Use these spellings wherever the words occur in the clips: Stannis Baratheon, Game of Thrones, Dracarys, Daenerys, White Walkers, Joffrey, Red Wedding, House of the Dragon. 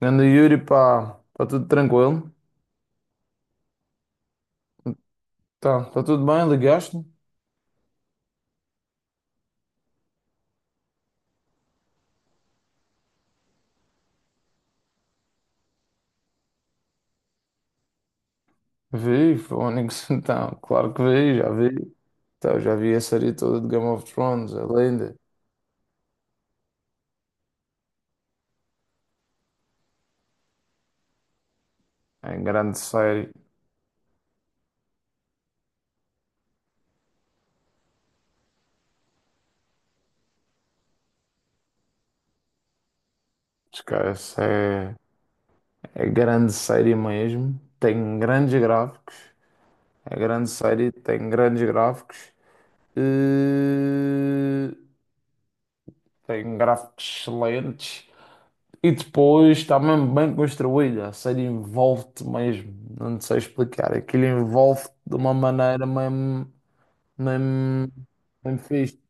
Grande Yuri, pá, está tudo tranquilo? Tá, tá, tudo bem? Ligaste-me? Vi, Fónix, então, claro que vi, já vi. Então, já vi a série toda de Game of Thrones, é linda. É grande série, esquece, é, é grande série mesmo. Tem grandes gráficos, é grande série, tem grandes gráficos. E... Tem gráficos excelentes. E depois está mesmo bem construída. A série envolve-te mesmo. Não te sei explicar. Aquilo envolve-te de uma maneira mesmo, mesmo, mesmo fixe.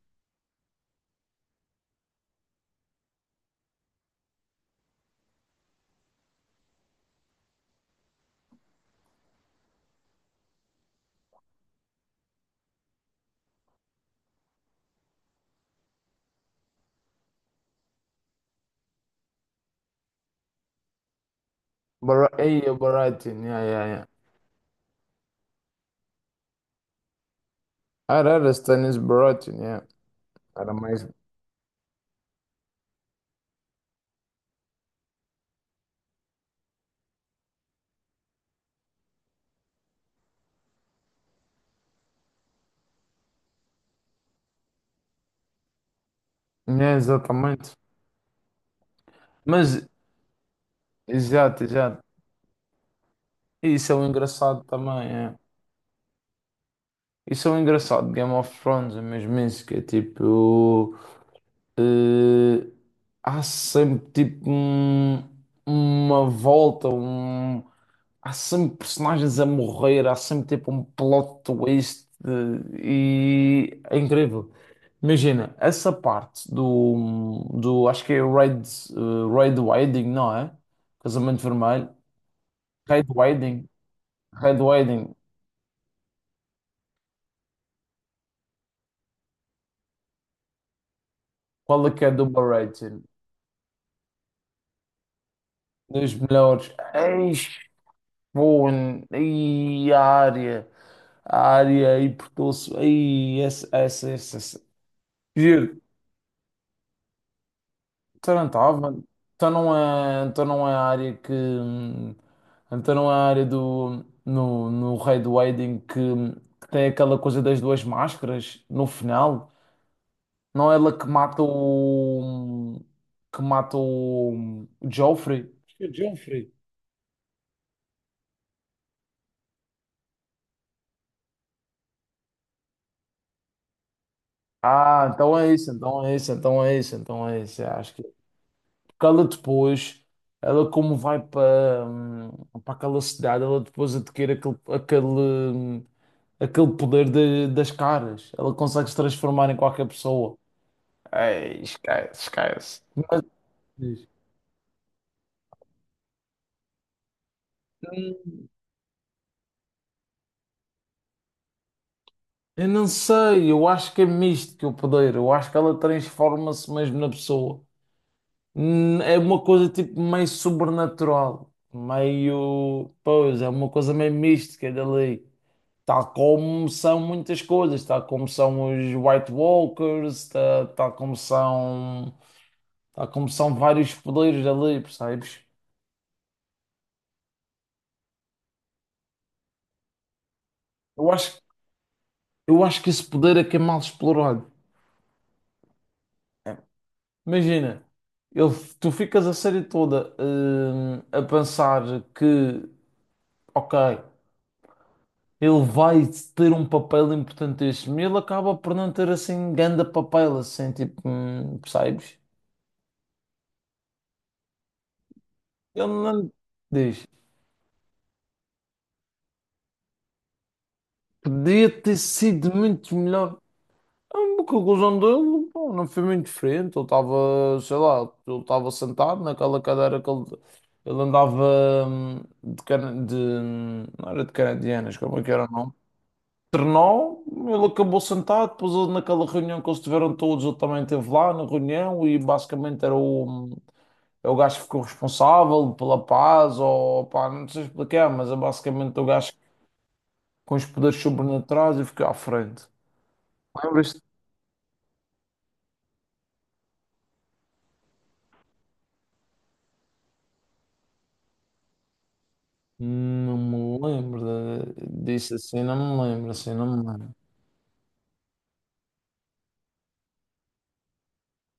Bar Ei, o Baratheon, yeah, yeah, yeah. Ah, era, era Stannis Baratheon, yeah. Era mais. Yeah, exatamente. Mas exato, exato. E isso é o engraçado também, é. Isso é o engraçado de Game of Thrones, é mesmo isso, que é tipo. eh, Há sempre tipo uma volta, um, há sempre personagens a morrer, há sempre tipo um plot twist e é incrível. Imagina, essa parte do, do acho que é Red, Red Wedding, não é? Casamento Vermelho. Red Wedding, Red Wedding. Qual é que é a double rating? Dos melhores. Eis, bom, e a área. A área e portou-se. Aí, essa, essa, essa, essa. Quer dizer, então não estava. Então não é a área que. Então não é a área do. No, no Red Wedding que tem aquela coisa das duas máscaras no final. Não é ela que mata o. Que mata o. O Joffrey. Acho que é Joffrey. Ah, então é isso, então é isso, então é isso, então é isso. Acho que ela depois, ela como vai para, para aquela cidade, ela depois adquire aquele, aquele, aquele poder de- das caras. Ela consegue se transformar em qualquer pessoa. Ei, esquece, esquece. Mas, hum, eu não sei, eu acho que é místico o poder. Eu acho que ela transforma-se mesmo na pessoa. Hum. É uma coisa tipo meio sobrenatural, meio. Pois, é uma coisa meio mística dali. Tal como são muitas coisas, tal como são os White Walkers, tal como são vários poderes ali, percebes? Eu acho, eu acho que esse poder é que é mal explorado. Imagina, ele, tu ficas a série toda, a pensar que, ok, ele vai ter um papel importantíssimo e ele acaba por não ter assim grande papel, assim, tipo, percebes? Ele não diz. Podia ter sido muito melhor. A conclusão dele, pô, não foi muito diferente. Ele estava, sei lá, ele estava sentado naquela cadeira que ele andava hum, de, de. Não era de canadianas, como é que era o nome? Trenó, ele acabou sentado. Depois, ele, naquela reunião que eles tiveram todos, ele também esteve lá na reunião e basicamente era o, hum, é o gajo que ficou responsável pela paz, ou pá, não sei explicar, mas é basicamente o gajo com os poderes sobrenaturais e ficou à frente. Lembras-te. Não me lembro disso assim, não me lembro, assim, não me lembro.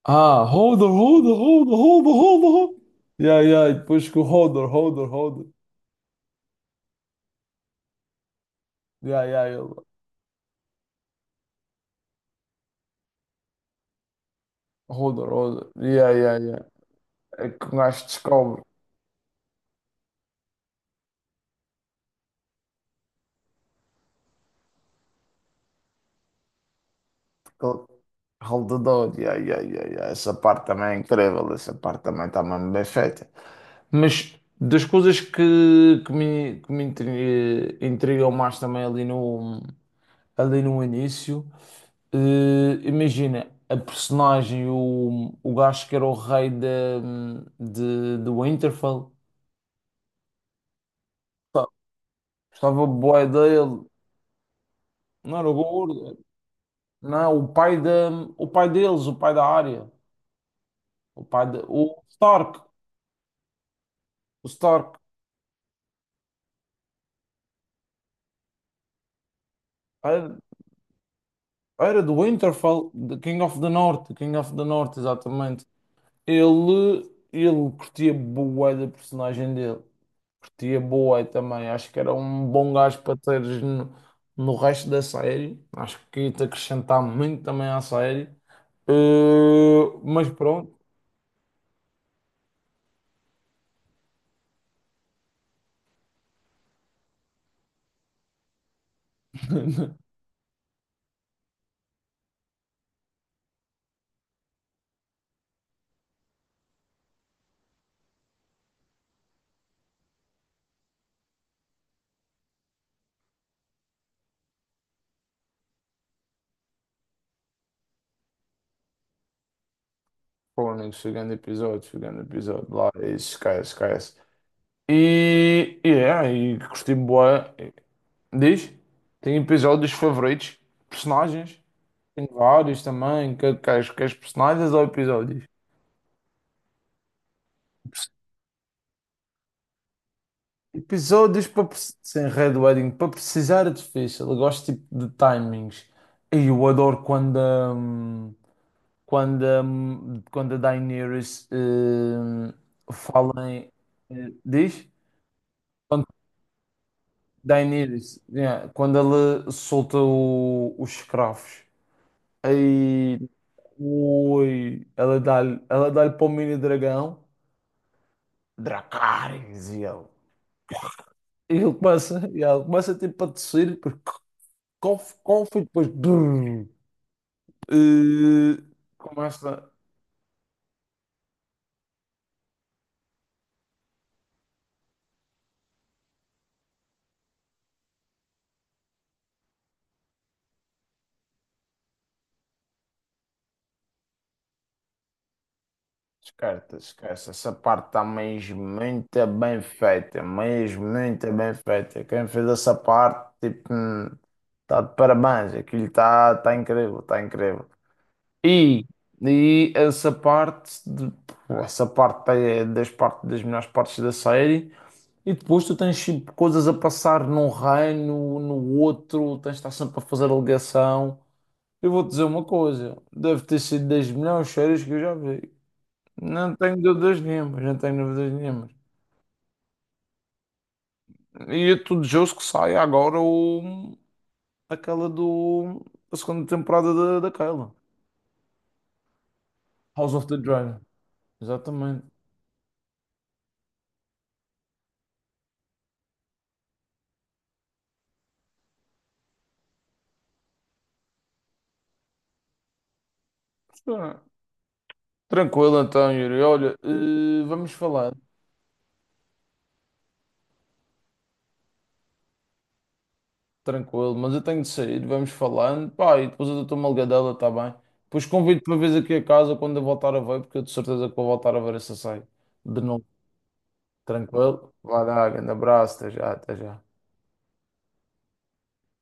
Ah, holder, holder, holder, holder, holder, holder. Yeah, yeah, depois que o holder, holder, holder. Yeah, yeah, ele. Holder, holder. Yeah, yeah, yeah. É que o gajo descobre que ele- holdedor. Yeah, yeah, yeah, yeah. Essa parte também é incrível, essa parte também está mesmo bem feita. Mas das coisas que me, intrigam mais também ali no 1 ali no início. Imagina, a personagem, o gajo que era o rei de Winterfell, pá, gostava bué dele, não era o gordo, não, o pai, de, o pai deles, o pai da área, o pai de, o Stark, era, era do Winterfell, de King of the North, King of the North, exatamente. Ele curtia bué da personagem dele. Curtia Boé também, acho que era um bom gajo para teres no, no resto da série. Acho que ia-te acrescentar muito também à série. Mas pronto, pô, amigo, chegando episódio lá, isso, esquece, esquece. E é, e curti Boé. Diz? Tem episódios favoritos, personagens, tem vários também. Que, personagens ou episódios? Episódios para, sem Red Wedding, para precisar é difícil. Eu gosto tipo de timings. E eu adoro quando, a quando, a quando a Daenerys fala em. Diz? Quando Daenerys, yeah, quando ela solta os escravos. Aí. Ui, ela dá-lhe para o mini dragão. Dracarys, e ele. E ele começa, e ela começa tipo a tossir. Qual, qual foi depois? Brrr. Eh, Começa. Descarta, esquece. Essa parte está mesmo muito bem feita. Mesmo muito bem feita. Quem fez essa parte, tipo, está de parabéns. Aquilo está incrível, está incrível. E, e essa parte, essa parte tá, é das, parte, das melhores partes da série. E depois tu tens tipo, coisas a passar num reino, no outro, tens de estar sempre a fazer a ligação. Eu vou te dizer uma coisa, deve ter sido das melhores séries que eu já vi. Não tenho dúvidas nenhumas, não tenho dúvidas nenhumas. E eu tudo justo que saia agora o, aquela do, a segunda temporada da, daquela, House of the Dragon. Exatamente. Sim. Tranquilo então, Yuri. Olha, vamos falar, tranquilo, mas eu tenho de sair, vamos falando. Pá, e depois eu dou-te uma ligadela, tá bem? Depois convido-te uma vez aqui a casa quando eu voltar a ver, porque eu de certeza que vou voltar a ver essa série de novo. Tranquilo? Vai lá, grande abraço, até já, até já.